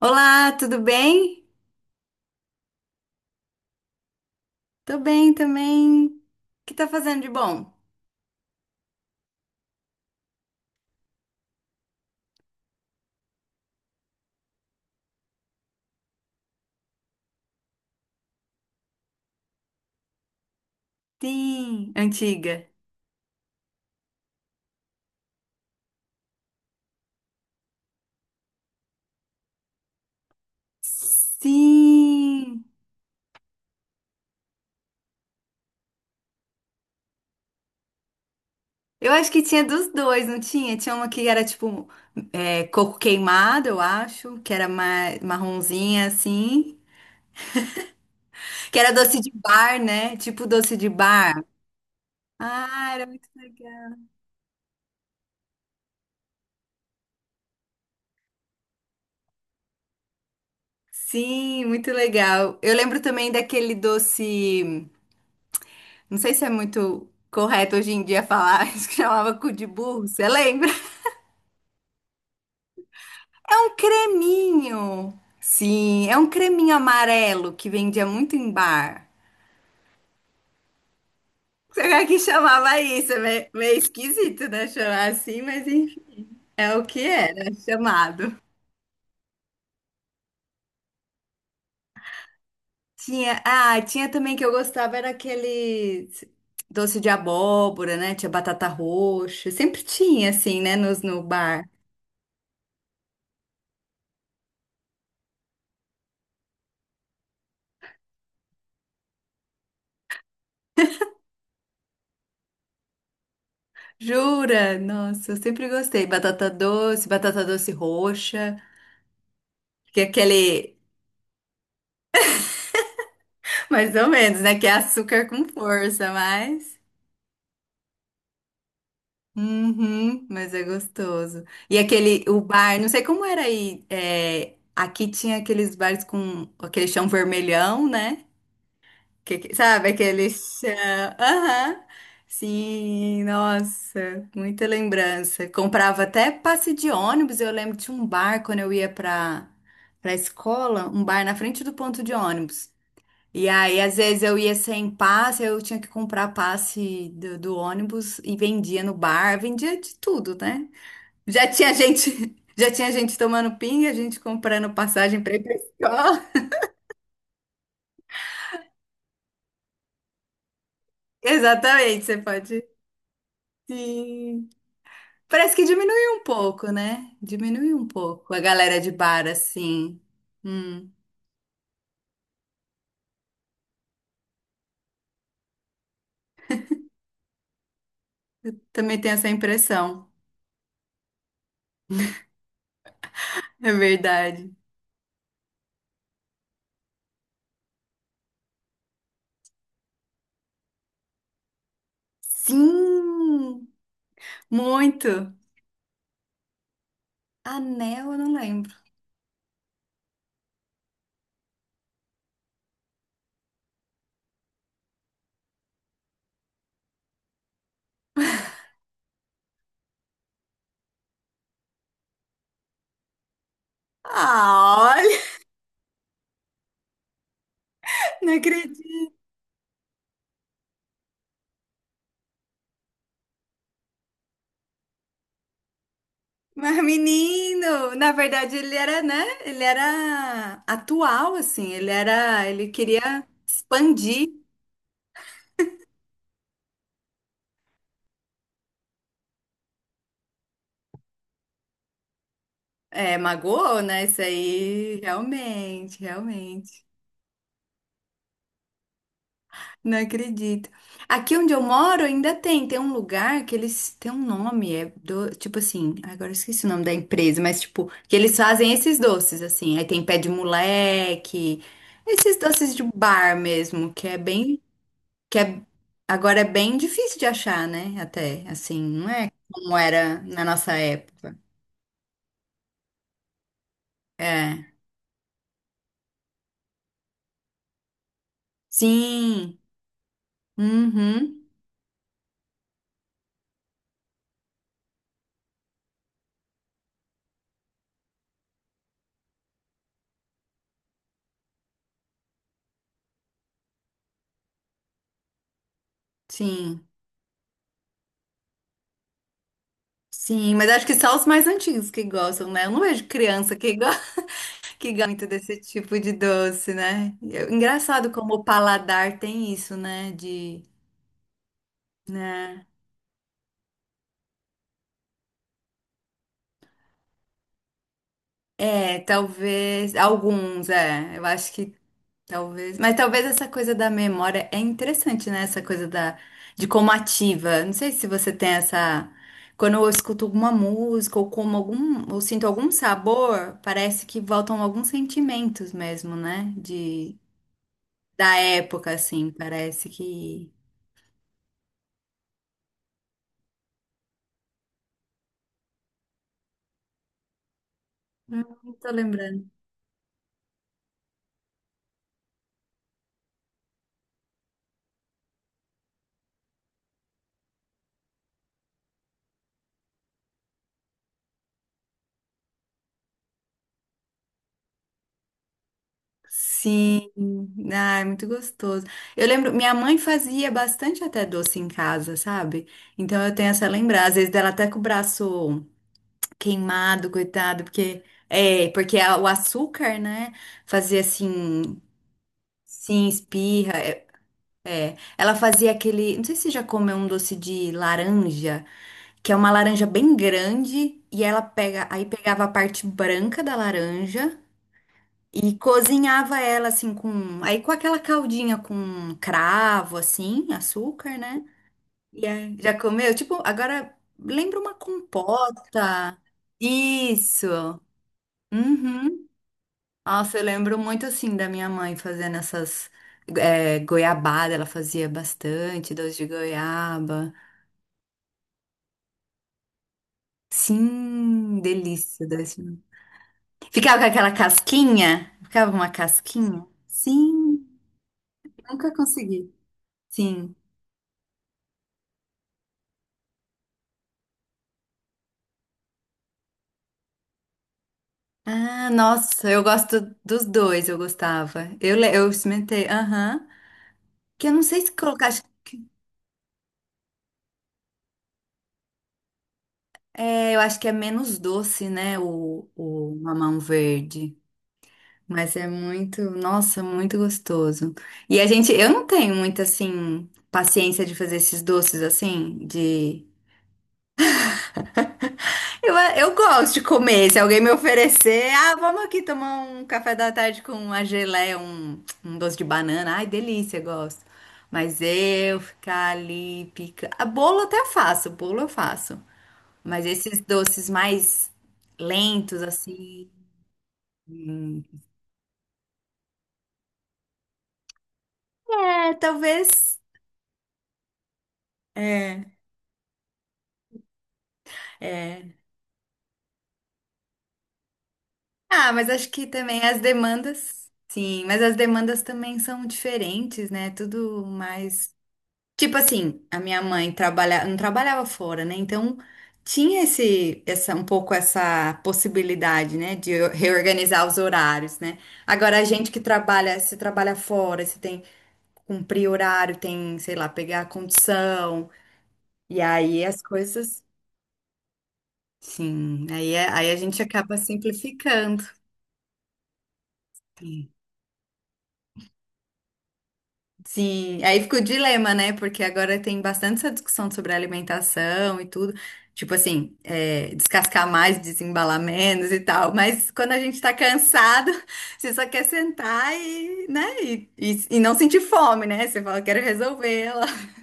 Olá, tudo bem? Tô bem também. O que tá fazendo de bom? Sim, antiga. Sim. Eu acho que tinha dos dois, não tinha? Tinha uma que era tipo é, coco queimado, eu acho, que era marronzinha assim, que era doce de bar, né? Tipo doce de bar. Ah, era muito legal. Sim, muito legal. Eu lembro também daquele doce. Não sei se é muito correto hoje em dia falar isso que chamava cu de burro, você lembra? É um creminho. Sim, é um creminho amarelo que vendia muito em bar. Será que chamava isso? É meio, meio esquisito, né? Chamar assim, mas enfim, é o que era chamado. Tinha também que eu gostava era aquele doce de abóbora, né? Tinha batata roxa. Sempre tinha, assim, né? No bar. Jura? Nossa, eu sempre gostei. Batata doce roxa, que é aquele, mais ou menos, né? Que é açúcar com força, mas. Uhum, mas é gostoso. E aquele, o bar, não sei como era aí. Aqui tinha aqueles bares com aquele chão vermelhão, né? Sabe aquele chão? Aham. Sim, nossa, muita lembrança. Comprava até passe de ônibus. Eu lembro de um bar quando eu ia para escola, um bar na frente do ponto de ônibus. E aí, às vezes eu ia sem passe, eu tinha que comprar passe do ônibus e vendia no bar, vendia de tudo, né? Já tinha gente, já tinha gente tomando pinga, gente comprando passagem para ir para escola. Exatamente, você pode. Sim. Parece que diminuiu um pouco, né? Diminuiu um pouco a galera de bar, assim. Hum, Também tem essa impressão. É verdade. Sim, muito. Anel, eu não lembro. Ah, olha, não acredito. Mas, menino, na verdade, ele era, né? Ele era atual, assim. Ele queria expandir. É, magoou, né? Isso aí, realmente, realmente. Não acredito. Aqui onde eu moro ainda tem um lugar que eles têm um nome, é do, tipo assim, agora eu esqueci o nome da empresa, mas tipo, que eles fazem esses doces assim. Aí tem pé de moleque, esses doces de bar mesmo, que é bem, que é agora é bem difícil de achar, né? Até assim, não é como era na nossa época. É. Sim. Uhum. Sim. Sim, mas acho que só os mais antigos que gostam, né? Eu não vejo criança que gosta. Que gosta muito desse tipo de doce, né? E é engraçado como o paladar tem isso, né? De, né? É, talvez alguns, é. Eu acho que talvez, mas talvez essa coisa da memória é interessante, né? Essa coisa da de como ativa. Não sei se você tem essa. Quando eu escuto alguma música ou como algum, ou sinto algum sabor, parece que voltam alguns sentimentos mesmo, né? De da época assim, parece que. Hum, Tô lembrando. Sim, é muito gostoso. Eu lembro, minha mãe fazia bastante até doce em casa, sabe? Então eu tenho essa lembrança, às vezes dela até com o braço queimado, coitado, porque o açúcar, né, fazia assim, sim, espirra, é, é. Ela fazia aquele, não sei se você já comeu um doce de laranja, que é uma laranja bem grande e ela pega, aí pegava a parte branca da laranja e cozinhava ela assim com aquela caldinha com cravo assim, açúcar, né? E aí, já comeu? Tipo, agora lembra uma compota. Isso. Uhum. Nossa, eu lembro muito assim da minha mãe fazendo essas goiabada, ela fazia bastante doce de goiaba. Sim, delícia doce. De- Ficava com aquela casquinha? Ficava uma casquinha? Sim, nunca consegui. Sim. Ah, nossa, eu gosto dos dois, eu gostava. Eu experimentei, aham. Que eu não sei se colocar. É, eu acho que é menos doce, né? O mamão verde. Mas é muito, nossa, muito gostoso. Eu não tenho muita, assim, paciência de fazer esses doces assim, de. Eu gosto de comer. Se alguém me oferecer, ah, vamos aqui tomar um café da tarde com uma geleia, um doce de banana. Ai, delícia, gosto. Mas eu ficar ali pica. A bolo até faço, bolo eu faço. Mas esses doces mais lentos, assim. hum, É, talvez. É, é. Ah, mas acho que também as demandas. Sim, mas as demandas também são diferentes, né? Tudo mais. Tipo assim, a minha mãe não trabalhava fora, né? Então tinha um pouco essa possibilidade, né, de eu reorganizar os horários, né? Agora a gente que trabalha, se trabalha fora, se tem que cumprir horário, tem, sei lá, pegar a condição, e aí as coisas, sim, aí, aí a gente acaba simplificando. Sim, aí fica o dilema, né? Porque agora tem bastante essa discussão sobre alimentação e tudo. Tipo assim, descascar mais, desembalar menos e tal. Mas quando a gente tá cansado, você só quer sentar e, né? E não sentir fome, né? Você fala, quero resolver ela.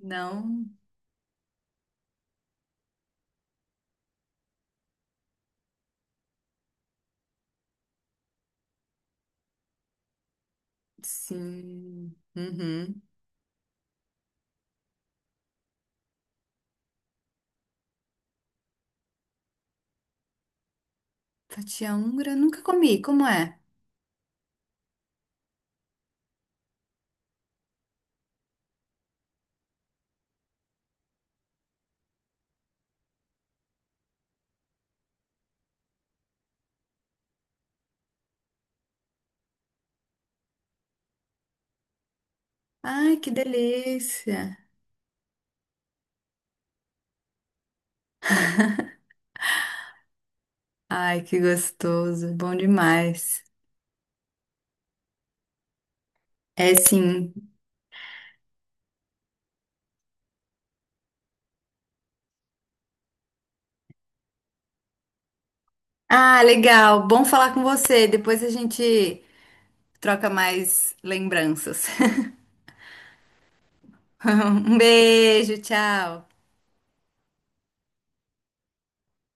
Não, sim. Uhum. Fatia húngara, nunca comi. Como é? Ai, que delícia. Ai, que gostoso. Bom demais. É sim. Ah, legal. Bom falar com você. Depois a gente troca mais lembranças. Um beijo, tchau.